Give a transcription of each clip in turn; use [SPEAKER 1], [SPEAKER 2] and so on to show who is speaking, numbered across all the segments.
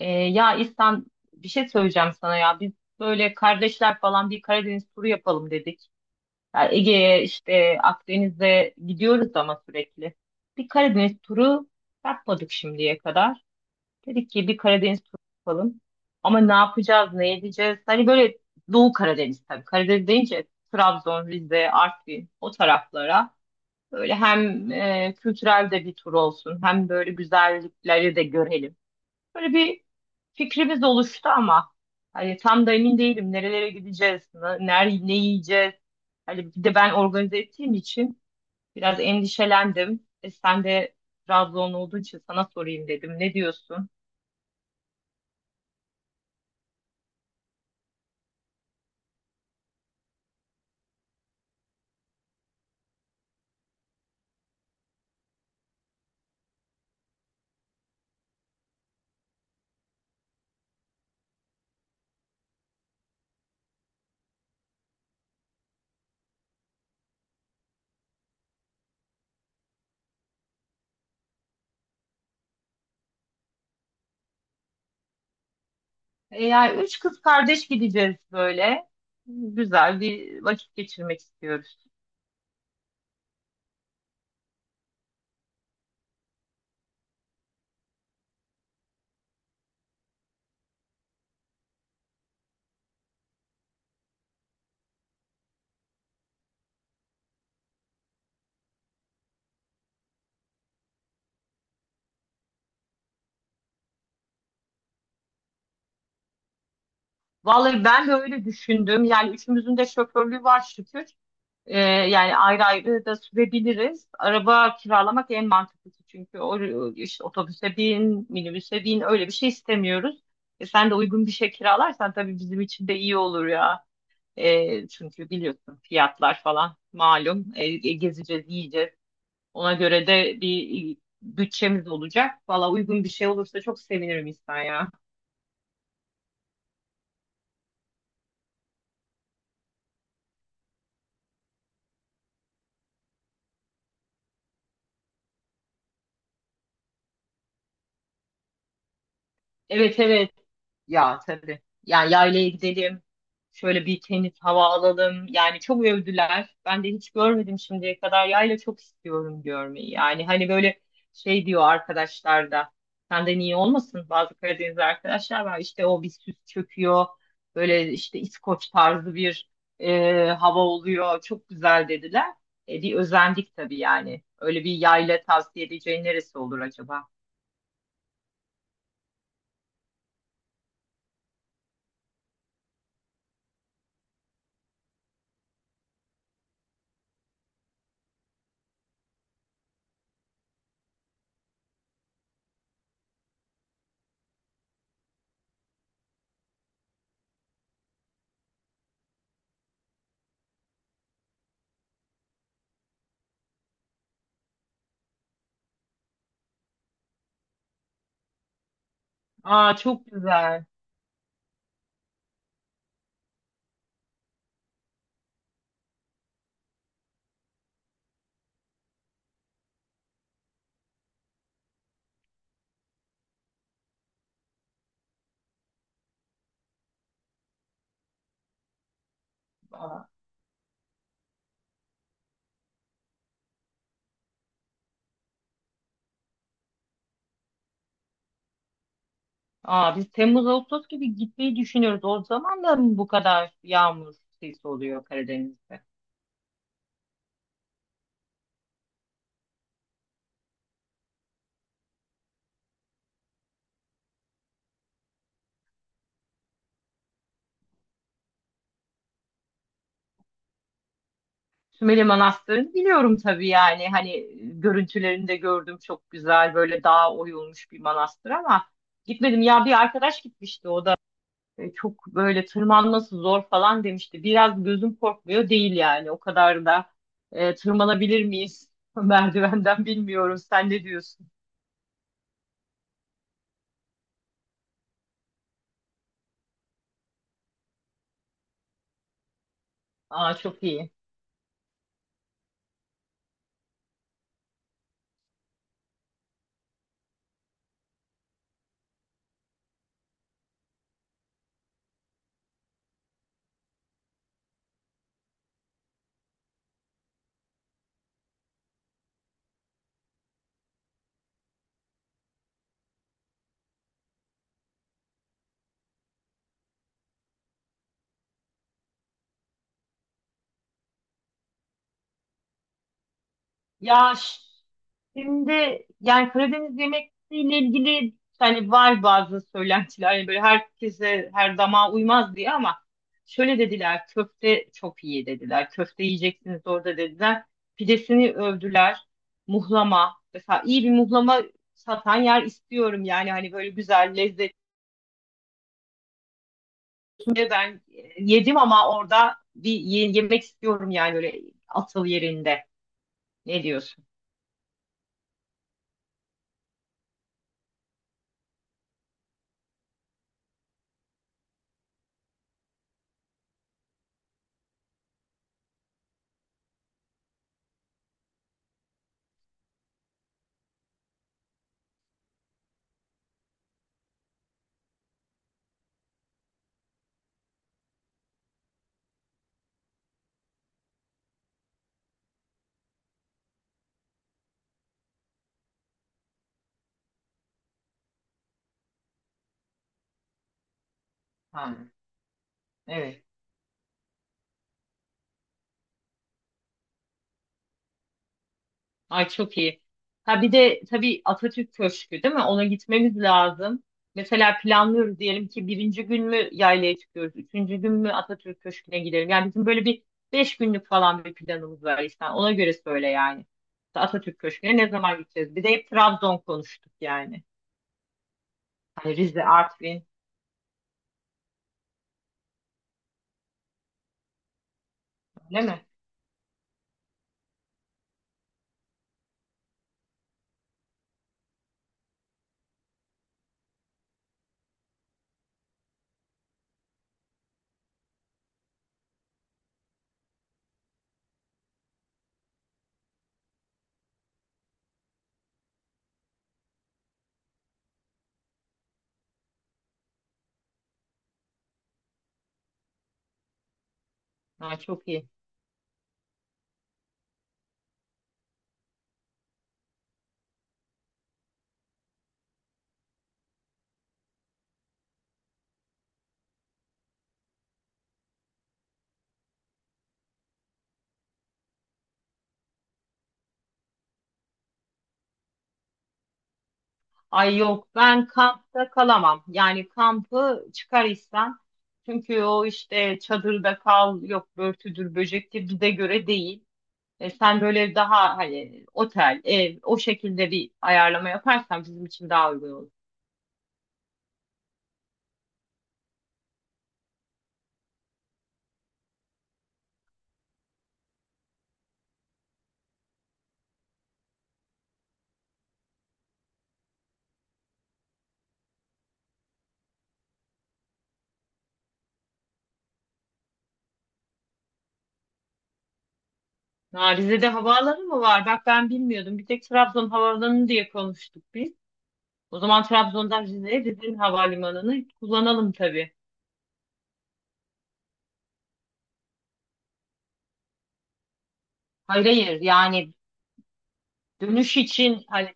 [SPEAKER 1] Ya bir şey söyleyeceğim sana ya. Biz böyle kardeşler falan bir Karadeniz turu yapalım dedik. Ya Ege'ye işte Akdeniz'e gidiyoruz ama sürekli. Bir Karadeniz turu yapmadık şimdiye kadar. Dedik ki bir Karadeniz turu yapalım. Ama ne yapacağız, ne edeceğiz? Hani böyle Doğu Karadeniz tabii. Karadeniz deyince Trabzon, Rize, Artvin o taraflara. Böyle hem kültürel de bir tur olsun hem böyle güzellikleri de görelim. Böyle bir fikrimiz oluştu ama hani tam da emin değilim nerelere gideceğiz, ne yiyeceğiz. Hani bir de ben organize ettiğim için biraz endişelendim. E sen de Trabzon olduğu için sana sorayım dedim. Ne diyorsun? Yani üç kız kardeş gideceğiz böyle. Güzel bir vakit geçirmek istiyoruz. Vallahi ben de öyle düşündüm. Yani üçümüzün de şoförlüğü var şükür. Yani ayrı ayrı da sürebiliriz. Araba kiralamak en mantıklısı çünkü o, işte otobüse bin, minibüse bin öyle bir şey istemiyoruz. Sen de uygun bir şey kiralarsan tabii bizim için de iyi olur ya. Çünkü biliyorsun fiyatlar falan malum. Gezeceğiz, yiyeceğiz. Ona göre de bir bütçemiz olacak. Valla uygun bir şey olursa çok sevinirim İhsan ya. Evet, evet. Ya tabii. Yani yaylaya gidelim. Şöyle bir temiz hava alalım. Yani çok övdüler. Ben de hiç görmedim şimdiye kadar. Yayla çok istiyorum görmeyi. Yani hani böyle şey diyor arkadaşlar da. Senden iyi olmasın bazı Karadeniz arkadaşlar var. İşte o bir süs çöküyor. Böyle işte İskoç tarzı bir hava oluyor. Çok güzel dediler. Bir özendik tabii yani. Öyle bir yayla tavsiye edeceğin neresi olur acaba? Aa, çok güzel. Aa, biz Temmuz Ağustos gibi gitmeyi düşünüyoruz. O zaman da mı bu kadar yağmur sesi oluyor Karadeniz'de? Sümele Manastırı'nı biliyorum tabii yani hani görüntülerinde gördüm çok güzel böyle dağa oyulmuş bir manastır ama gitmedim ya bir arkadaş gitmişti o da çok böyle tırmanması zor falan demişti. Biraz gözüm korkmuyor değil yani o kadar da tırmanabilir miyiz merdivenden bilmiyorum sen ne diyorsun? Aa, çok iyi. Ya ş- Şimdi yani Karadeniz yemekleriyle ilgili hani var bazı söylentiler yani böyle herkese her damağa uymaz diye ama şöyle dediler köfte çok iyi dediler. Köfte yiyeceksiniz orada dediler. Pidesini övdüler. Muhlama mesela iyi bir muhlama satan yer istiyorum yani hani böyle güzel lezzetli ben yedim ama orada bir yemek istiyorum yani öyle asıl yerinde. Ne diyorsun? Ha, evet. Ay çok iyi. Ha bir de tabii Atatürk Köşkü değil mi? Ona gitmemiz lazım. Mesela planlıyoruz diyelim ki birinci gün mü yaylaya çıkıyoruz, üçüncü gün mü Atatürk Köşkü'ne gidelim. Yani bizim böyle bir beş günlük falan bir planımız var işte. Ona göre söyle yani. İşte Atatürk Köşkü'ne ne zaman gideceğiz? Bir de hep Trabzon konuştuk yani. Hani Rize, Artvin öyle mi? Ha, çok iyi. Ay yok ben kampta kalamam. Yani kampı çıkar istem. Çünkü o işte çadırda kal yok börtüdür böcektir bize göre değil. Sen böyle daha hani otel ev o şekilde bir ayarlama yaparsan bizim için daha uygun olur. Ha, Rize'de havaalanı mı var? Bak ben bilmiyordum. Bir tek Trabzon havaalanı diye konuştuk biz. O zaman Trabzon'dan Rize'ye Rize'nin havalimanını kullanalım tabii. Hayır hayır, yani dönüş için hani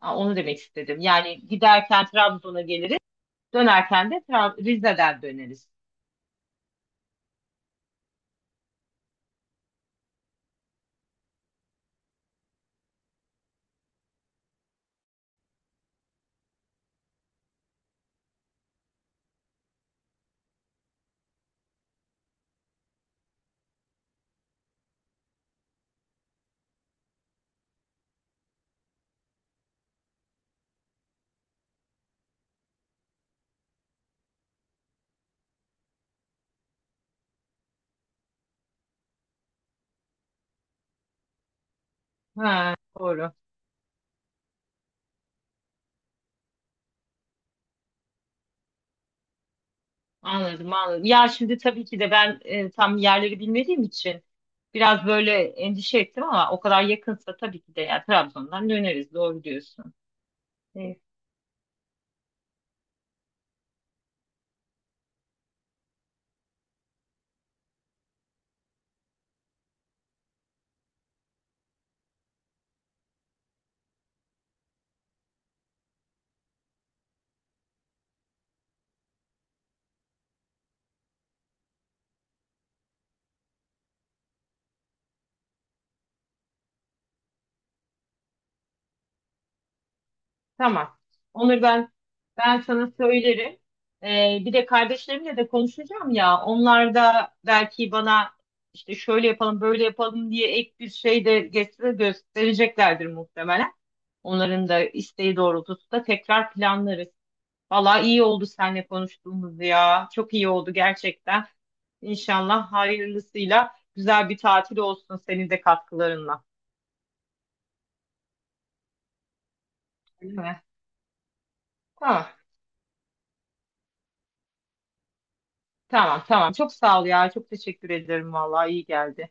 [SPEAKER 1] Aa, onu demek istedim. Yani giderken Trabzon'a geliriz, dönerken de Rize'den döneriz. Ha, doğru. Anladım, anladım. Ya şimdi tabii ki de ben tam yerleri bilmediğim için biraz böyle endişe ettim ama o kadar yakınsa tabii ki de ya Trabzon'dan döneriz. Doğru diyorsun. Tamam. Onur ben sana söylerim. Bir de kardeşlerimle de konuşacağım ya. Onlar da belki bana işte şöyle yapalım, böyle yapalım diye ek bir şey de getire göstereceklerdir muhtemelen. Onların da isteği doğrultusunda tekrar planlarız. Valla iyi oldu seninle konuştuğumuz ya. Çok iyi oldu gerçekten. İnşallah hayırlısıyla güzel bir tatil olsun senin de katkılarınla. Değil mi? Tamam. Tamam, tamam. Çok sağ ol ya. Çok teşekkür ederim. Vallahi iyi geldi.